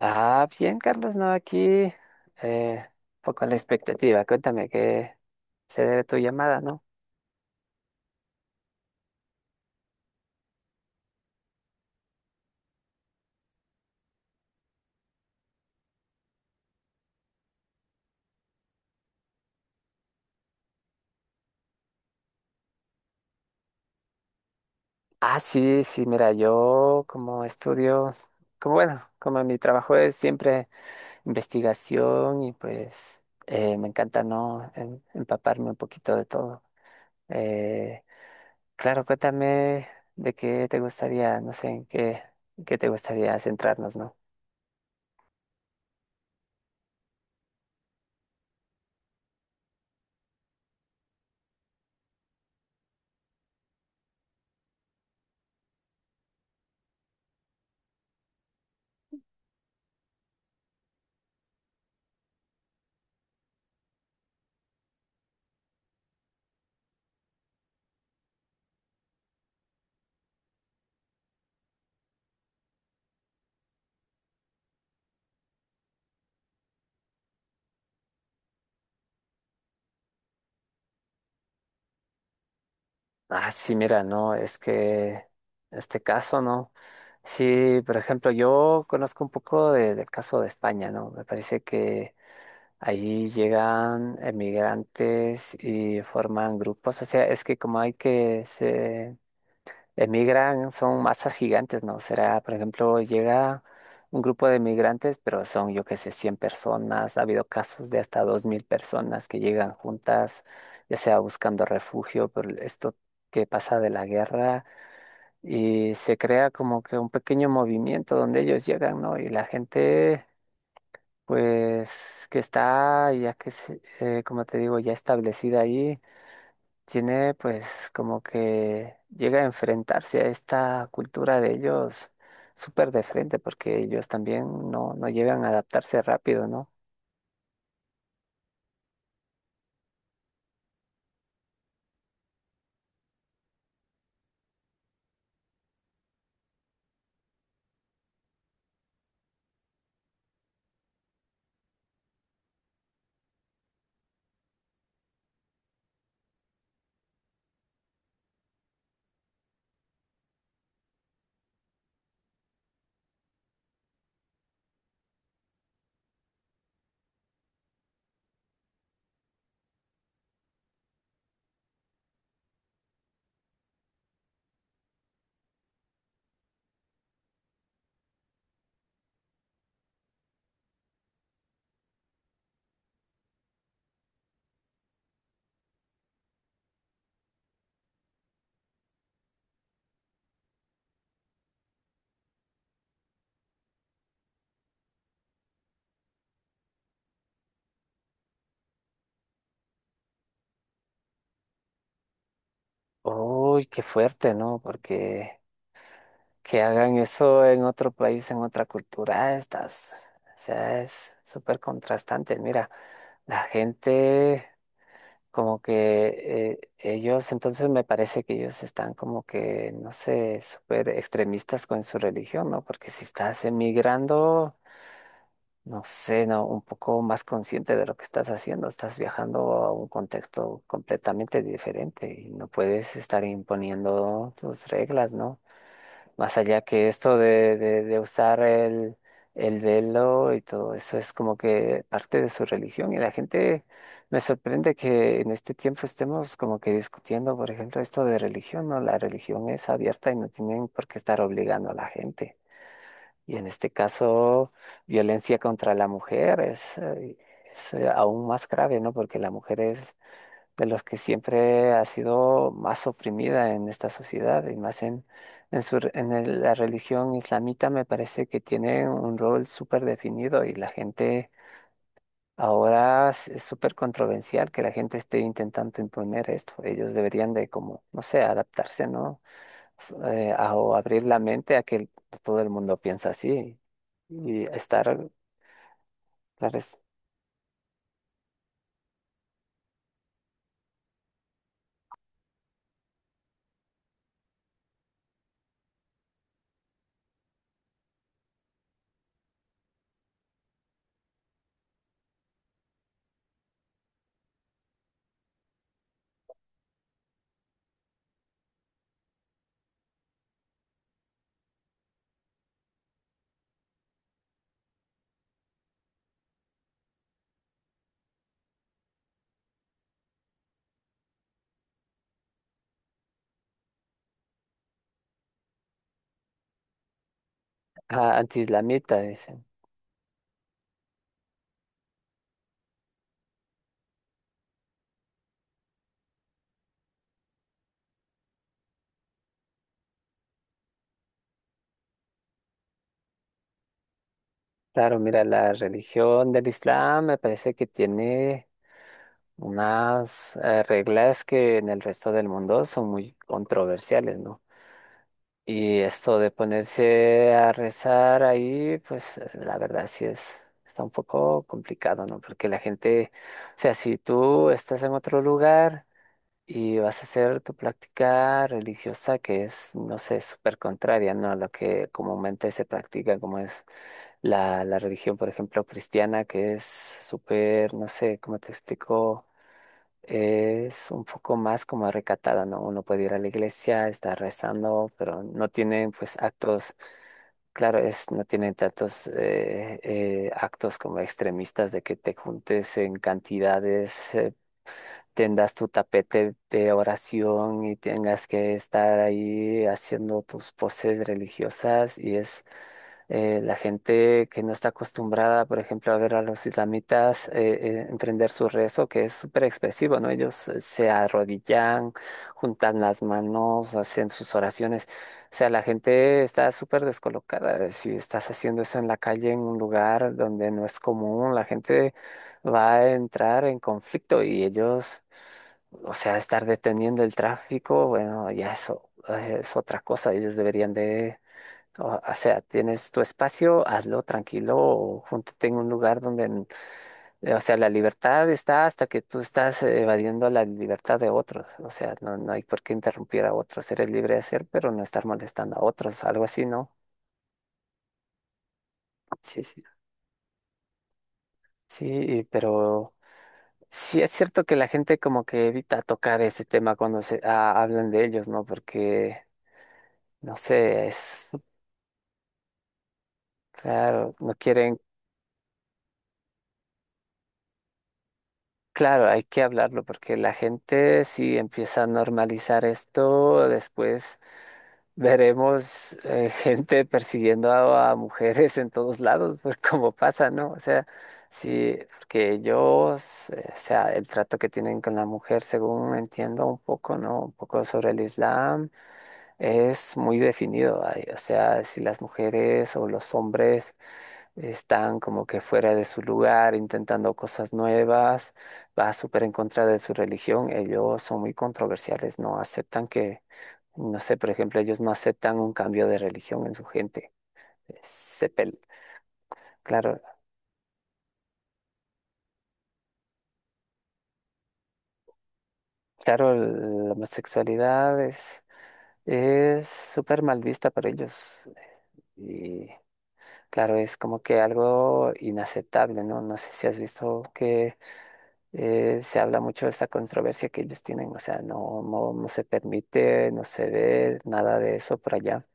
Ah, bien, Carlos, no, aquí eh, poco a la expectativa. Cuéntame qué se debe tu llamada, ¿no? Ah, sí, sí, mira, yo como estudio, como bueno, como mi trabajo es siempre investigación y pues me encanta, ¿no? Empaparme un poquito de todo. Eh, claro, cuéntame de qué te gustaría, no sé, en qué te gustaría centrarnos, ¿no? Ah, sí, mira, no, es que este caso, ¿no? Sí, por ejemplo, yo conozco un poco del caso de España, ¿no? Me parece que ahí llegan emigrantes y forman grupos, o sea, es que como hay que se emigran, son masas gigantes, ¿no? Será, por ejemplo, llega un grupo de migrantes, pero son, yo qué sé, 100 personas. Ha habido casos de hasta 2000 personas que llegan juntas, ya sea buscando refugio por esto que pasa de la guerra, y se crea como que un pequeño movimiento donde ellos llegan, ¿no? Y la gente, pues, que está, ya que, como te digo, ya establecida ahí tiene pues como que llega a enfrentarse a esta cultura de ellos súper de frente, porque ellos también no, no llegan a adaptarse rápido, ¿no? Uy, qué fuerte, ¿no? Porque que hagan eso en otro país, en otra cultura, estás, o sea, es súper contrastante. Mira, la gente. Como que ellos, entonces me parece que ellos están como que, no sé, súper extremistas con su religión, ¿no? Porque si estás emigrando, no sé, ¿no? Un poco más consciente de lo que estás haciendo, estás viajando a un contexto completamente diferente y no puedes estar imponiendo tus reglas, ¿no? Más allá que esto de usar el velo y todo eso es como que parte de su religión y la gente me sorprende que en este tiempo estemos como que discutiendo, por ejemplo, esto de religión, ¿no? La religión es abierta y no tienen por qué estar obligando a la gente. Y en este caso, violencia contra la mujer es, es aún más grave, ¿no? Porque la mujer es de los que siempre ha sido más oprimida en esta sociedad y más en en la religión islamita me parece que tiene un rol súper definido y la gente ahora es súper controversial que la gente esté intentando imponer esto. Ellos deberían de como, no sé, adaptarse, ¿no? O abrir la mente a que todo el mundo piensa así y estar claro, es- ah, anti-islamita, dicen. Claro, mira, la religión del Islam me parece que tiene unas reglas que en el resto del mundo son muy controversiales, ¿no? Y esto de ponerse a rezar ahí, pues la verdad sí es, está un poco complicado, ¿no? Porque la gente, o sea, si tú estás en otro lugar y vas a hacer tu práctica religiosa que es, no sé, súper contraria, ¿no? A lo que comúnmente se practica, como es la religión, por ejemplo, cristiana, que es súper, no sé, ¿cómo te explico? Es un poco más como recatada, ¿no? Uno puede ir a la iglesia, estar rezando, pero no tiene pues actos, claro, es, no tiene tantos actos como extremistas de que te juntes en cantidades tendas tu tapete de oración y tengas que estar ahí haciendo tus poses religiosas y es la gente que no está acostumbrada, por ejemplo, a ver a los islamitas emprender su rezo, que es súper expresivo, ¿no? Ellos se arrodillan, juntan las manos, hacen sus oraciones. O sea, la gente está súper descolocada. Si estás haciendo eso en la calle, en un lugar donde no es común, la gente va a entrar en conflicto y ellos o sea, estar deteniendo el tráfico, bueno, ya eso es otra cosa. Ellos deberían de, o sea, tienes tu espacio, hazlo tranquilo o júntate en un lugar donde, o sea, la libertad está hasta que tú estás evadiendo la libertad de otros. O sea, no, no hay por qué interrumpir a otros. Eres libre de hacer, pero no estar molestando a otros, algo así, ¿no? Sí, sí. Sí, pero sí es cierto que la gente como que evita tocar ese tema cuando se ah, hablan de ellos, ¿no? Porque, no sé, es... Claro, no quieren, claro, hay que hablarlo porque la gente si empieza a normalizar esto, después veremos gente persiguiendo a mujeres en todos lados, pues como pasa, ¿no? O sea, sí, porque ellos, o sea, el trato que tienen con la mujer, según entiendo un poco, ¿no? Un poco sobre el Islam, es muy definido, ay, o sea, si las mujeres o los hombres están como que fuera de su lugar, intentando cosas nuevas, va súper en contra de su religión. Ellos son muy controversiales, no aceptan que, no sé, por ejemplo, ellos no aceptan un cambio de religión en su gente. Se pel- claro, claro, la homosexualidad es súper mal vista para ellos. Y claro, es como que algo inaceptable, ¿no? No sé si has visto que se habla mucho de esa controversia que ellos tienen, o sea, no se permite, no se ve nada de eso por allá.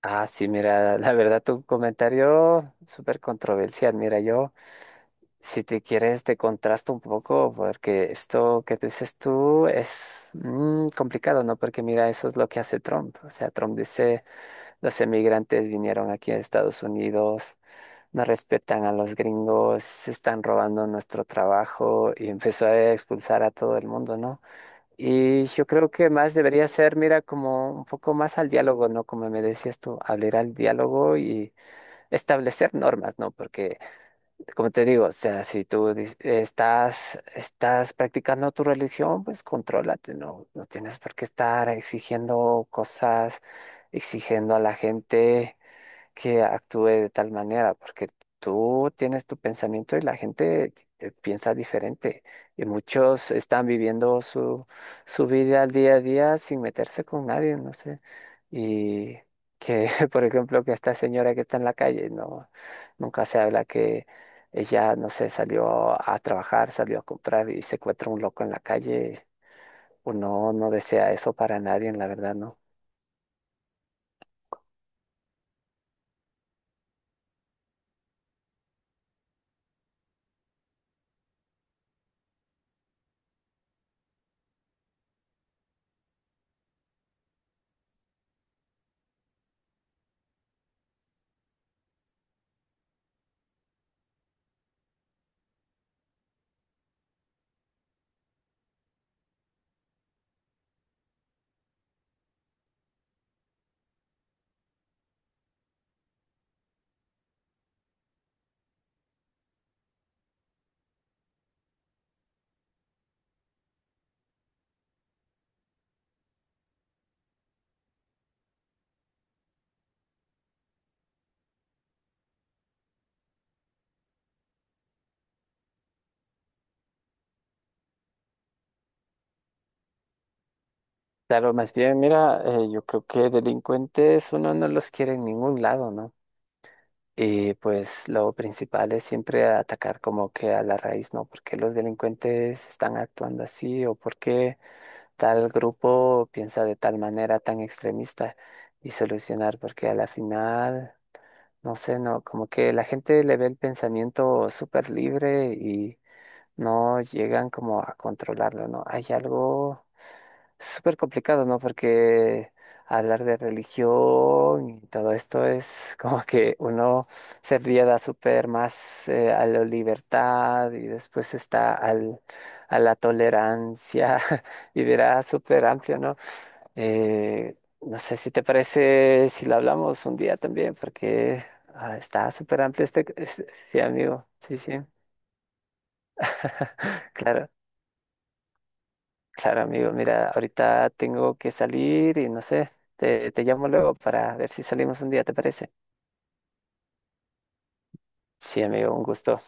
Ah, sí, mira, la verdad tu comentario súper controversial. Mira, yo, si te quieres, te contrasto un poco porque esto que tú dices tú es mm, complicado, ¿no? Porque mira, eso es lo que hace Trump. O sea, Trump dice, los emigrantes vinieron aquí a Estados Unidos no respetan a los gringos, se están robando nuestro trabajo y empezó a expulsar a todo el mundo, ¿no? Y yo creo que más debería ser, mira, como un poco más al diálogo, ¿no? Como me decías tú, abrir al diálogo y establecer normas, ¿no? Porque, como te digo, o sea, si tú estás, estás practicando tu religión, pues contrólate, ¿no? No tienes por qué estar exigiendo cosas, exigiendo a la gente que actúe de tal manera, porque tú tienes tu pensamiento y la gente piensa diferente. Y muchos están viviendo su vida al día a día sin meterse con nadie, no sé. Y que, por ejemplo, que esta señora que está en la calle, no, nunca se habla que ella, no sé, salió a trabajar, salió a comprar y se encuentra un loco en la calle. Uno no desea eso para nadie, la verdad, ¿no? Claro, más bien, mira, yo creo que delincuentes uno no los quiere en ningún lado, ¿no? Y pues lo principal es siempre atacar como que a la raíz, ¿no? ¿Por qué los delincuentes están actuando así o por qué tal grupo piensa de tal manera tan extremista y solucionar? Porque a la final, no sé, ¿no? Como que la gente le ve el pensamiento súper libre y no llegan como a controlarlo, ¿no? Hay algo es súper complicado, ¿no? Porque hablar de religión y todo esto es como que uno se riega súper más a la libertad y después está al, a la tolerancia y verá súper amplio, ¿no? Eh, no sé si te parece si lo hablamos un día también, porque ah, está súper amplio este, este- sí, amigo. Sí, sí, claro. Claro, amigo, mira, ahorita tengo que salir y no sé, te llamo luego para ver si salimos un día, ¿te parece? Sí, amigo, un gusto.